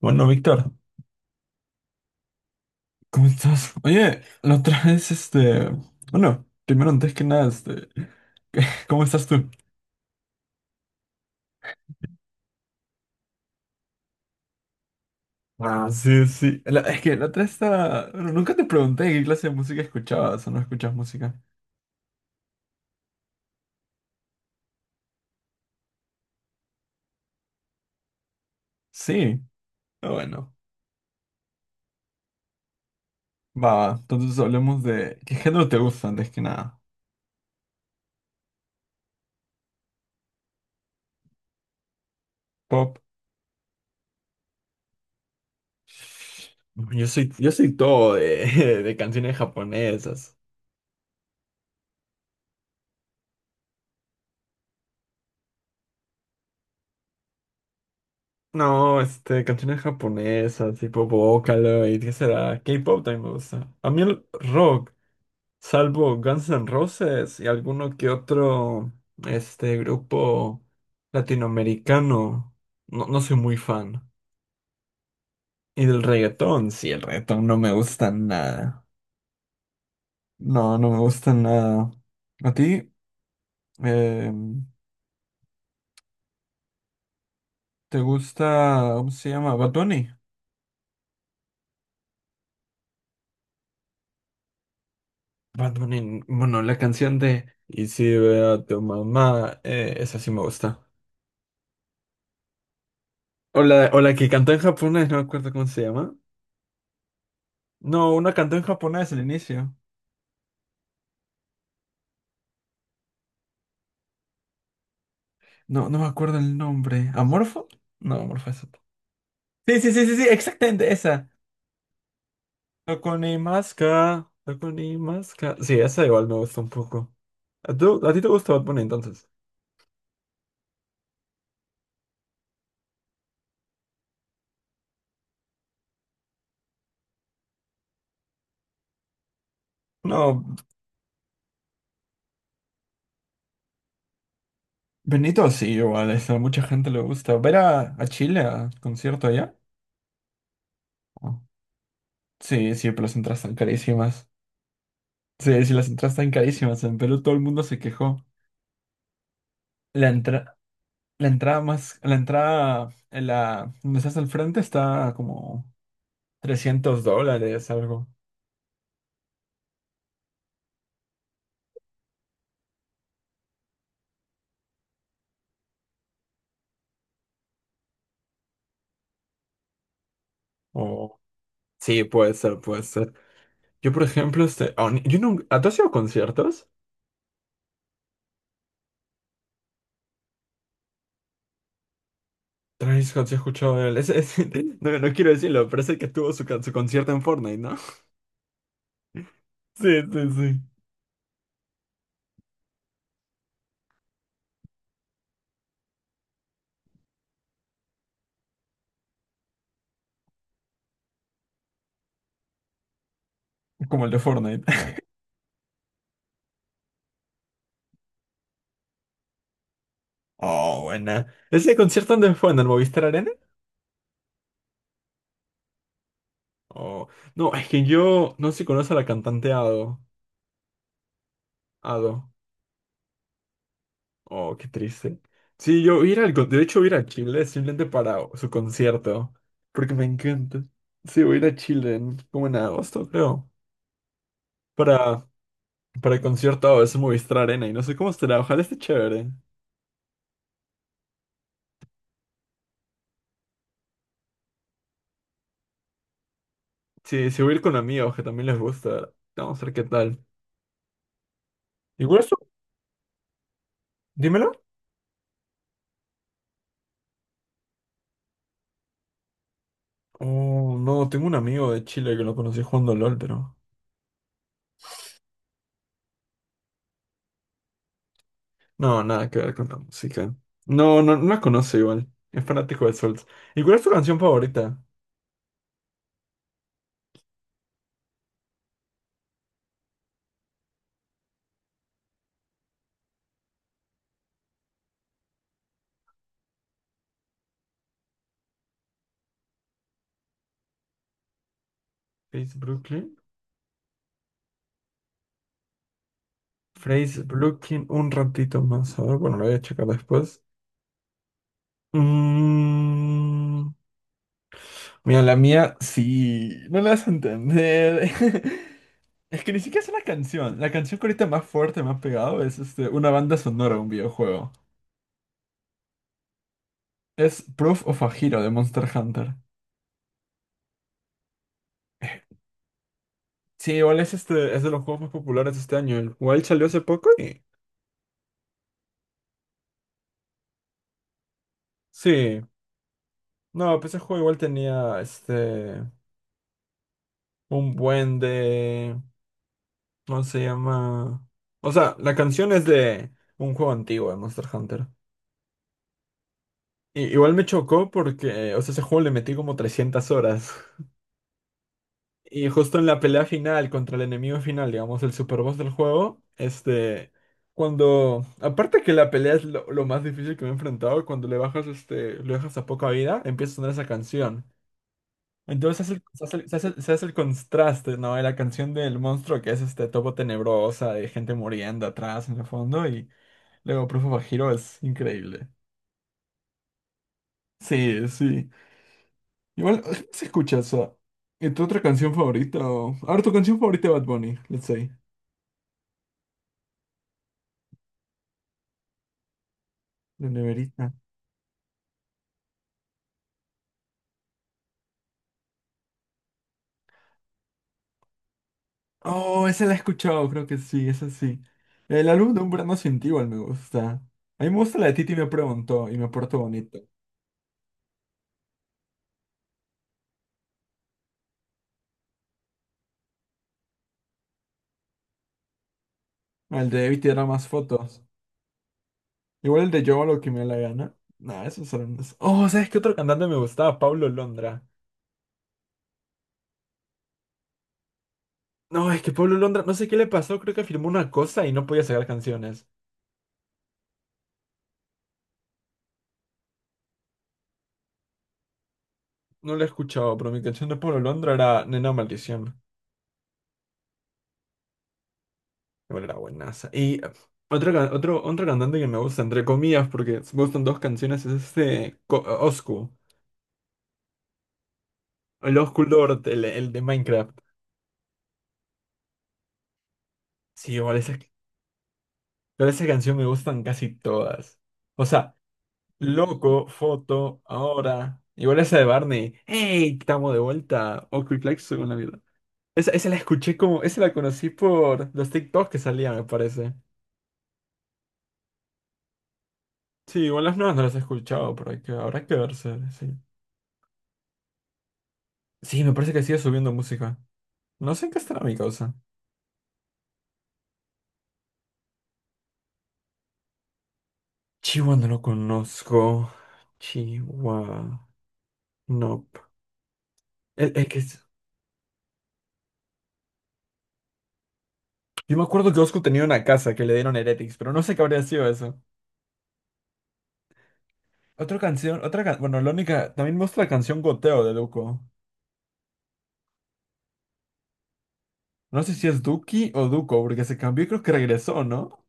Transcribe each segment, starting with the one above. Bueno, Víctor, ¿cómo estás? Oye, la otra vez, bueno, primero antes que nada, ¿cómo estás tú? Ah, sí, sí. Es que la otra vez estaba, bueno, nunca te pregunté qué clase de música escuchabas o no escuchas música. Sí, ah, bueno, va, va. Entonces hablemos de qué género te gusta antes que nada. Pop. Yo soy todo de, de canciones japonesas. No, canciones japonesas, tipo Vocaloid, ¿qué será? K-pop también me gusta. A mí el rock, salvo Guns N' Roses y alguno que otro, grupo latinoamericano, no, no soy muy fan. Y del reggaetón, sí, el reggaetón no me gusta nada. No, no me gusta nada. ¿A ti? Eh, ¿Te gusta, cómo se llama? ¿Bad Bunny? Bad Bunny, bueno, la canción de Y si veo a tu mamá, esa sí me gusta. O la que cantó en japonés, no me acuerdo cómo se llama. No, una cantó en japonés al inicio. No, no me acuerdo el nombre. ¿Amorfo? No, Amorfo es otro. Sí, sí, sí, sí, sí, exactamente esa. Tokunimaska, Tokunimaska. Sí, esa igual me gusta un poco. ¿A ti te gusta Bad Bunny entonces? No, Benito sí, igual, eso, a mucha gente le gusta. ¿Ver a Chile a concierto allá? Sí, sí, pero las entradas están carísimas. Sí, sí, las entradas están carísimas. En Perú todo el mundo se quejó. La entra- la entrada más, la entrada, en la, donde estás al frente está a como 300 dólares, algo. O, sí, puede ser, puede ser. Yo, por ejemplo, yo nunca, ¿a tú has ido a conciertos? Travis Scott, sí he escuchado de él. No, no quiero decirlo, pero es el que tuvo su, su concierto en Fortnite, ¿no? Sí, sí, sí. Como el de Fortnite. Oh, buena. ¿Ese concierto dónde fue? ¿En el Movistar Arena? Oh, no, es que yo no sé si conoce a la cantante Ado. Ado. Oh, qué triste. Sí, yo ir al, de hecho voy a ir a Chile simplemente para su concierto, porque me encanta. Sí, voy a ir a Chile como en agosto, creo, para, para el concierto Ado, es en Movistar Arena y no sé cómo será, ojalá esté chévere. Sí, sí voy a ir con amigos que también les gusta. Vamos a ver qué tal. Igual eso, dímelo. Oh, no, tengo un amigo de Chile que lo conocí jugando LOL, pero no, nada que ver con la música. No, no, no la conoce igual. Es fanático de Souls. ¿Y cuál es tu canción favorita? Face Brooklyn. Face Brooklyn, un ratito más. A ver, bueno, lo voy a checar después. Mm, mira, la mía sí. No la vas a entender. Es que ni siquiera es una canción. La canción que ahorita más fuerte me ha pegado es una banda sonora de un videojuego. Es Proof of a Hero de Monster Hunter. Sí, igual es es de los juegos más populares de este año. El Wild salió hace poco y. Sí. No, pues ese juego igual tenía este un buen de. ¿Cómo se llama? O sea, la canción es de un juego antiguo de Monster Hunter. Y, igual me chocó porque, o sea, ese juego le metí como 300 horas. Y justo en la pelea final contra el enemigo final, digamos, el super boss del juego, este. Cuando. Aparte que la pelea es lo más difícil que me he enfrentado, cuando le bajas este. Lo dejas a poca vida, empieza a sonar esa canción. Entonces se hace, el, se hace el contraste, ¿no? De la canción del monstruo que es este topo tenebrosa de gente muriendo atrás en el fondo y luego Proof of a Hero es increíble. Sí, sí. Igual sí se escucha eso. ¿Y tu otra canción favorita? A ver, tu canción favorita de Bad Bunny, let's say. La neverita. Oh, esa la he escuchado, creo que sí, esa sí. El álbum de Un Verano Sin Ti igual me gusta. A mí me gusta la de Titi me preguntó y me porto bonito. El de Evita era más fotos. Igual el de Yo hago lo que me da la gana. Nah, esos eran unos. Oh, ¿sabes qué otro cantante me gustaba? Pablo Londra. No, es que Pablo Londra, no sé qué le pasó, creo que firmó una cosa y no podía sacar canciones. No la he escuchado, pero mi canción de Pablo Londra era Nena Maldición. Igual era buenaza. Y otro cantante que me gusta, entre comillas, porque me gustan dos canciones, es Oscu. El Oscu Lord, el de Minecraft. Sí, igual esa canción me gustan casi todas. O sea, Loco, foto, ahora. Igual esa de Barney. Hey Estamos de vuelta. O Quick según vida. Esa la escuché como. Esa la conocí por los TikToks que salían, me parece. Sí, igual las nuevas no las he escuchado, pero hay que, habrá que verse. Sí. Sí, me parece que sigue subiendo música. No sé en qué estará mi causa. Chihuahua no lo conozco. Chihuahua. No. El, el que es- Yo me acuerdo que Oscu tenía una casa que le dieron Heretics, pero no sé qué habría sido eso. Otra canción, bueno, la única, también me gusta la canción Goteo de Duco. No sé si es Duki o Duco, porque se cambió y creo que regresó, ¿no?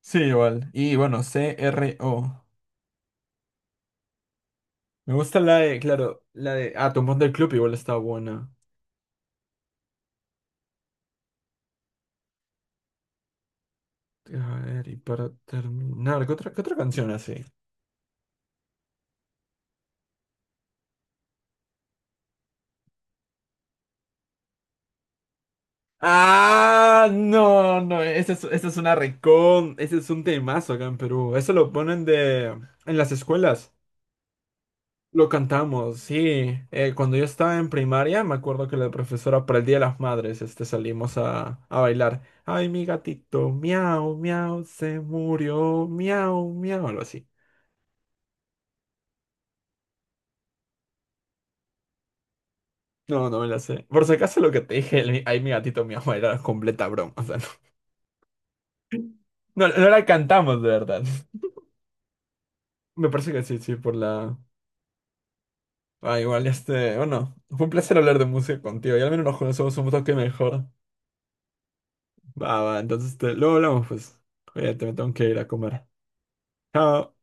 Sí, igual. Y bueno, CRO. Me gusta la de, claro, la de Ah, Tumón del Club igual está buena. A ver, y para terminar, qué otra canción así? Ah, no, no, esa es una recon, ese es un temazo acá en Perú. Eso lo ponen de, en las escuelas. Lo cantamos, sí. Cuando yo estaba en primaria, me acuerdo que la profesora para el Día de las Madres, salimos a bailar. Ay, mi gatito, miau, miau, se murió, miau, miau, algo así. No, no me la sé. Por si acaso lo que te dije, el ay, mi gatito, miau, era completa broma. O sea, no, no, no la cantamos de verdad. Me parece que sí, sí, por la... Ah, igual, bueno, fue un placer hablar de música contigo. Y al menos nos conocemos un toque mejor. Va, va, entonces, luego hablamos, pues. Oye, te me tengo que ir a comer. Cada